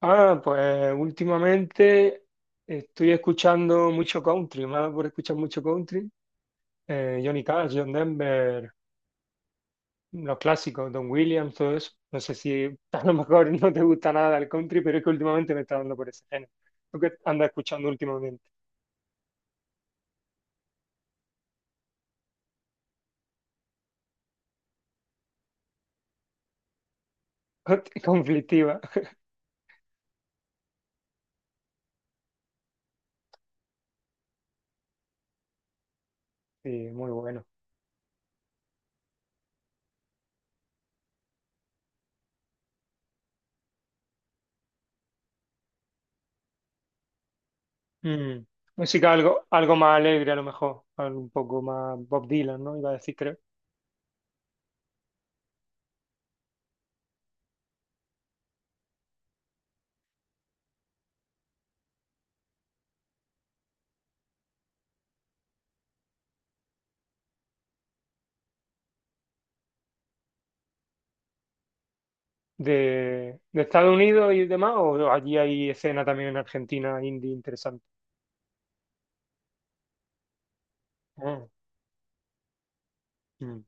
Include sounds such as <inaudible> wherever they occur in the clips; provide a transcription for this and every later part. Pues últimamente estoy escuchando mucho country, más por escuchar mucho country. Johnny Cash, John Denver, los clásicos, Don Williams, todo eso. No sé si <laughs> a lo mejor no te gusta nada el country, pero es que últimamente me está dando por ese género. Lo que anda escuchando últimamente. <laughs> Conflictiva. Sí, muy bueno. Mm. Música algo más alegre a lo mejor, algo un poco más Bob Dylan, ¿no? Iba a decir, creo. De Estados Unidos y demás, o allí hay escena también en Argentina indie interesante. Ah, mm,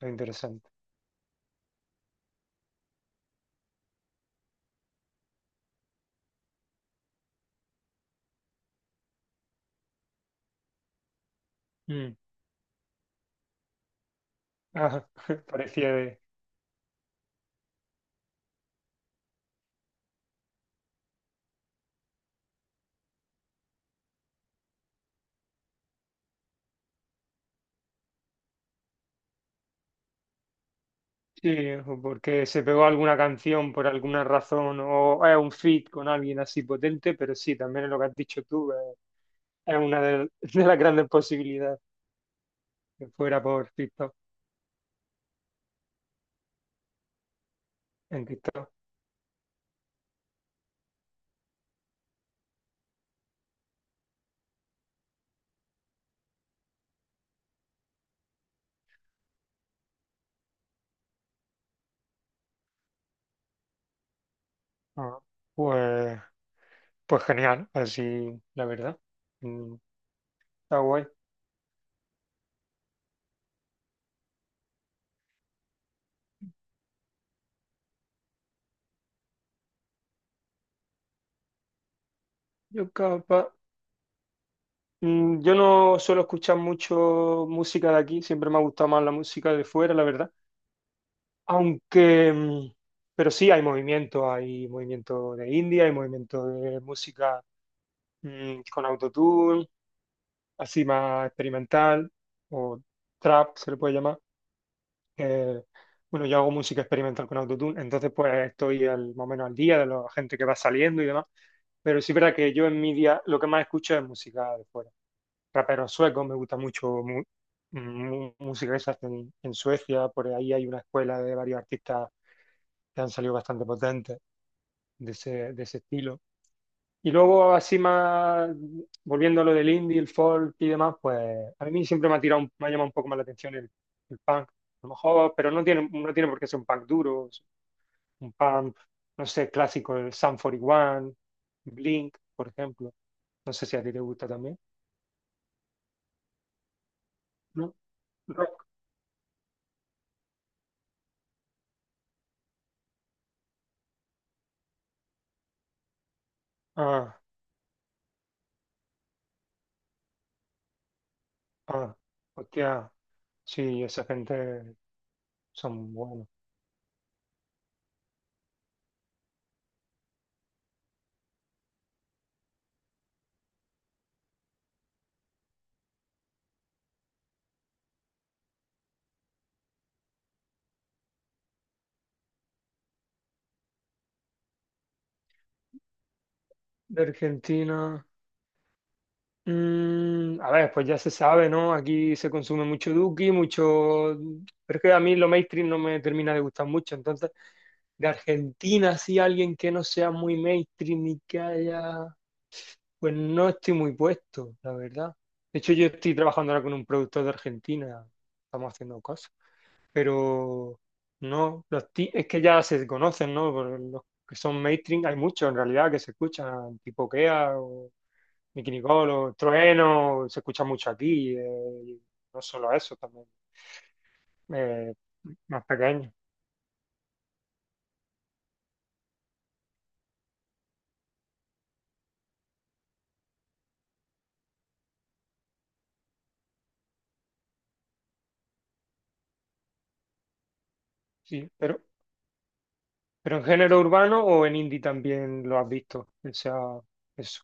es interesante. Mm, ajá, <laughs> parecía de. Sí, o porque se pegó alguna canción por alguna razón o es un feat con alguien así potente, pero sí, también es lo que has dicho tú, es una de, <laughs> de las grandes posibilidades que fuera por TikTok, en TikTok. Ah, pues, pues genial, así la verdad. Mm, está guay. Yo capaz. Mm, yo no suelo escuchar mucho música de aquí, siempre me ha gustado más la música de fuera, la verdad. Aunque, mm, pero sí hay movimiento de India, hay movimiento de música con autotune, así más experimental, o trap se le puede llamar. Eh, bueno, yo hago música experimental con autotune, entonces pues estoy al, más o menos al día de la gente que va saliendo y demás. Pero sí es verdad que yo en mi día lo que más escucho es música de fuera. Raperos suecos, me gusta mucho música que se hace en Suecia, por ahí hay una escuela de varios artistas que han salido bastante potentes de ese estilo. Y luego, así más, volviendo a lo del indie, el folk y demás, pues a mí siempre me ha tirado, un- me ha llamado un poco más la atención el punk, a lo mejor, pero no tiene, no tiene por qué ser un punk duro, es un punk, no sé, clásico, el Sum 41, Blink, por ejemplo. No sé si a ti te gusta también, ¿no? Rock. Ah, ah. Hostia, sí, esa gente son buenos. De Argentina. Mm, a ver, pues ya se sabe, ¿no? Aquí se consume mucho Duki, mucho. Pero es que a mí lo mainstream no me termina de gustar mucho. Entonces, de Argentina, sí, alguien que no sea muy mainstream y que haya. Pues no estoy muy puesto, la verdad. De hecho, yo estoy trabajando ahora con un productor de Argentina. Estamos haciendo cosas. Pero no, los ti- es que ya se conocen, ¿no? Por los que son mainstream, hay muchos en realidad que se escuchan, tipo Kea o Nicky Nicole o Trueno, se escucha mucho aquí, y no solo eso, también eh, más pequeño, sí, pero en género urbano o en indie también lo has visto, o sea, eso,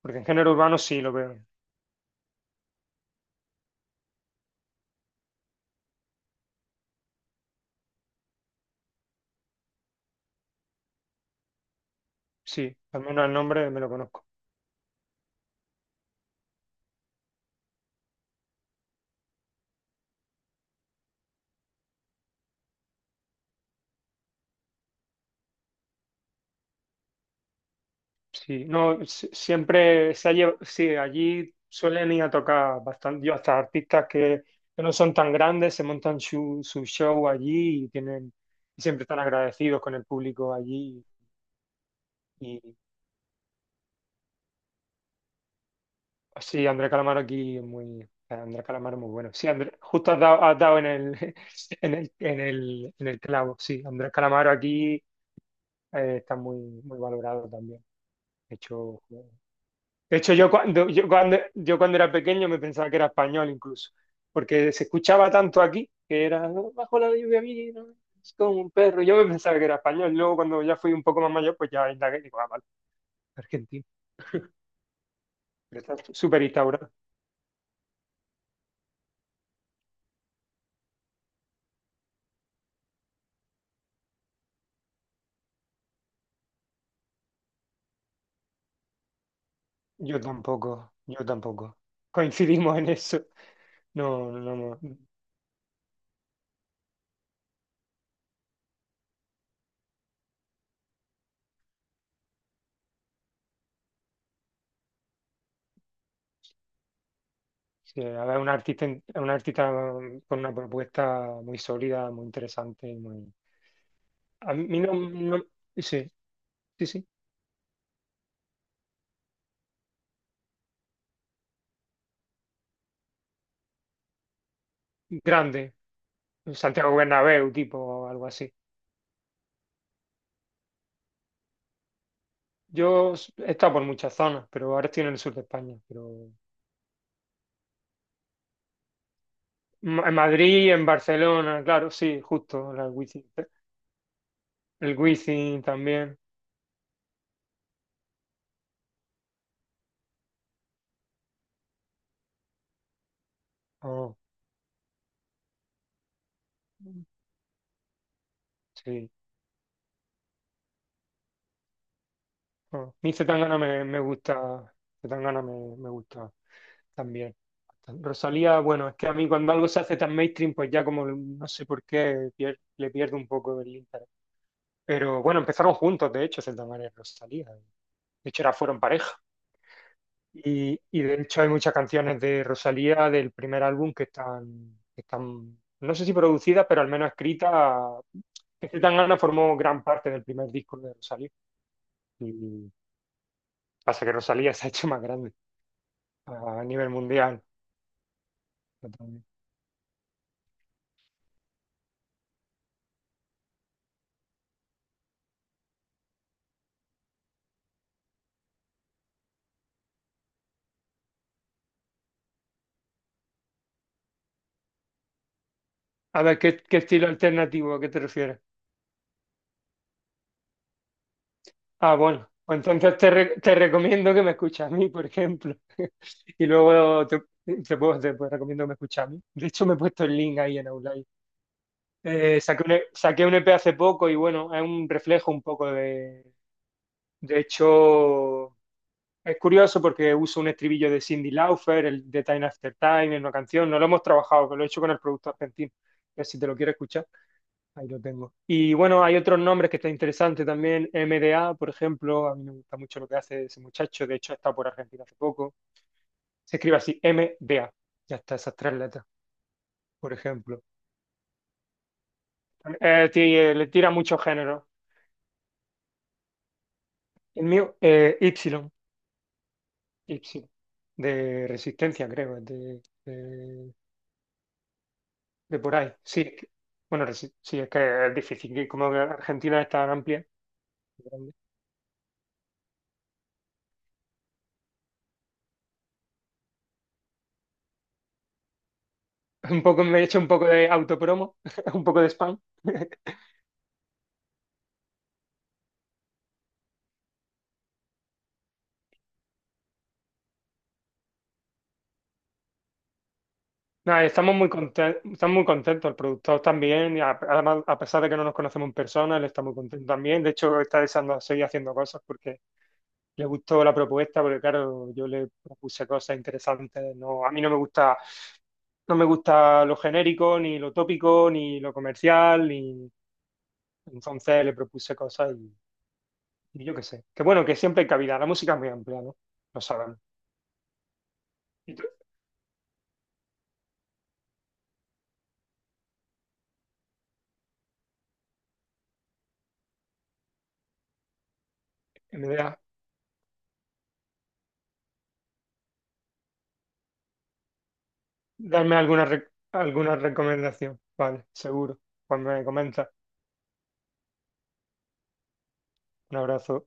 porque en género urbano sí lo veo, sí, al menos el nombre me lo conozco. Sí, no, si- siempre se ha llevado, sí, allí suelen ir a tocar bastante, yo hasta artistas que no son tan grandes, se montan su, su show allí y tienen, y siempre están agradecidos con el público allí. Y sí, Andrés Calamaro aquí es muy, Andrés Calamaro es muy bueno. Sí, Andrés, justo has dado en el, <laughs> en el, en el, en el clavo, sí, Andrés Calamaro aquí está muy, muy valorado también. De hecho, De hecho, yo cuando era pequeño me pensaba que era español incluso, porque se escuchaba tanto aquí que era "No, bajo la lluvia mira, es como un perro". Yo me pensaba que era español. Luego cuando ya fui un poco más mayor, pues ya indagué y digo, ah, vale, argentino. Pero está súper instaurado. Yo tampoco, yo tampoco. Coincidimos en eso. No, no, no. Sí, a ver, un artista, es un artista con una propuesta muy sólida, muy interesante, muy... A mí no, no- Sí, sí, sí. Grande. Santiago Bernabéu, tipo, algo así. Yo s- he estado por muchas zonas, pero ahora estoy en el sur de España. Pero Ma- en Madrid, en Barcelona, claro, sí, justo, la Wizzing- el Wizzing también. Oh, sí. Oh. Mi Zetangana me gusta, Zetangana me gusta también. Rosalía, bueno, es que a mí cuando algo se hace tan mainstream, pues ya como no sé por qué pier- le pierdo un poco el interés. Pero bueno, empezaron juntos, de hecho, Zetangana y Rosalía. De hecho, era, fueron pareja. Y de hecho hay muchas canciones de Rosalía del primer álbum que están, no sé si producidas, pero al menos escritas. Este Tangana formó gran parte del primer disco de Rosalía. Y pasa que Rosalía se ha hecho más grande a nivel mundial. A ver, ¿qué, qué estilo alternativo a qué te refieres? Ah, bueno, pues entonces te, re- te recomiendo que me escuches a mí, por ejemplo. <laughs> Y luego te, te puedo- recomiendo que me escuches a mí. De hecho, me he puesto el link ahí en Outline. Saqué un, E- saqué un EP hace poco y bueno, es un reflejo un poco de... De hecho, es curioso porque uso un estribillo de Cindy Lauper, el de Time After Time, en una canción. No lo hemos trabajado, pero lo he hecho con el producto argentino. Si te lo quieres escuchar, ahí lo tengo. Y bueno, hay otros nombres que está interesante también. MDA, por ejemplo, a mí me gusta mucho lo que hace ese muchacho. De hecho, ha estado por Argentina hace poco. Se escribe así, MDA. Ya está, esas tres letras, por ejemplo. Le tira muchos géneros. El mío, y. Gypsy, de Resistencia, creo, es de por ahí. Sí, es que- bueno, resi- sí, es que es difícil, que como que Argentina es tan amplia. Grande. <laughs> Un poco, me he hecho un poco de autopromo, <laughs> un poco de spam. <laughs> Nada, estamos muy contentos, el productor también, y a- además, a pesar de que no nos conocemos en persona, él está muy contento también, de hecho está deseando seguir haciendo cosas porque... le gustó la propuesta porque, claro, yo le propuse cosas interesantes. No, a mí no me gusta, no me gusta lo genérico, ni lo tópico, ni lo comercial, ni... Entonces le propuse cosas y yo qué sé. Que bueno, que siempre hay cabida. La música es muy amplia, ¿no? Lo saben. Y tú, en verdad, darme alguna, re- alguna recomendación. Vale, seguro. Pues me comenta. Un abrazo.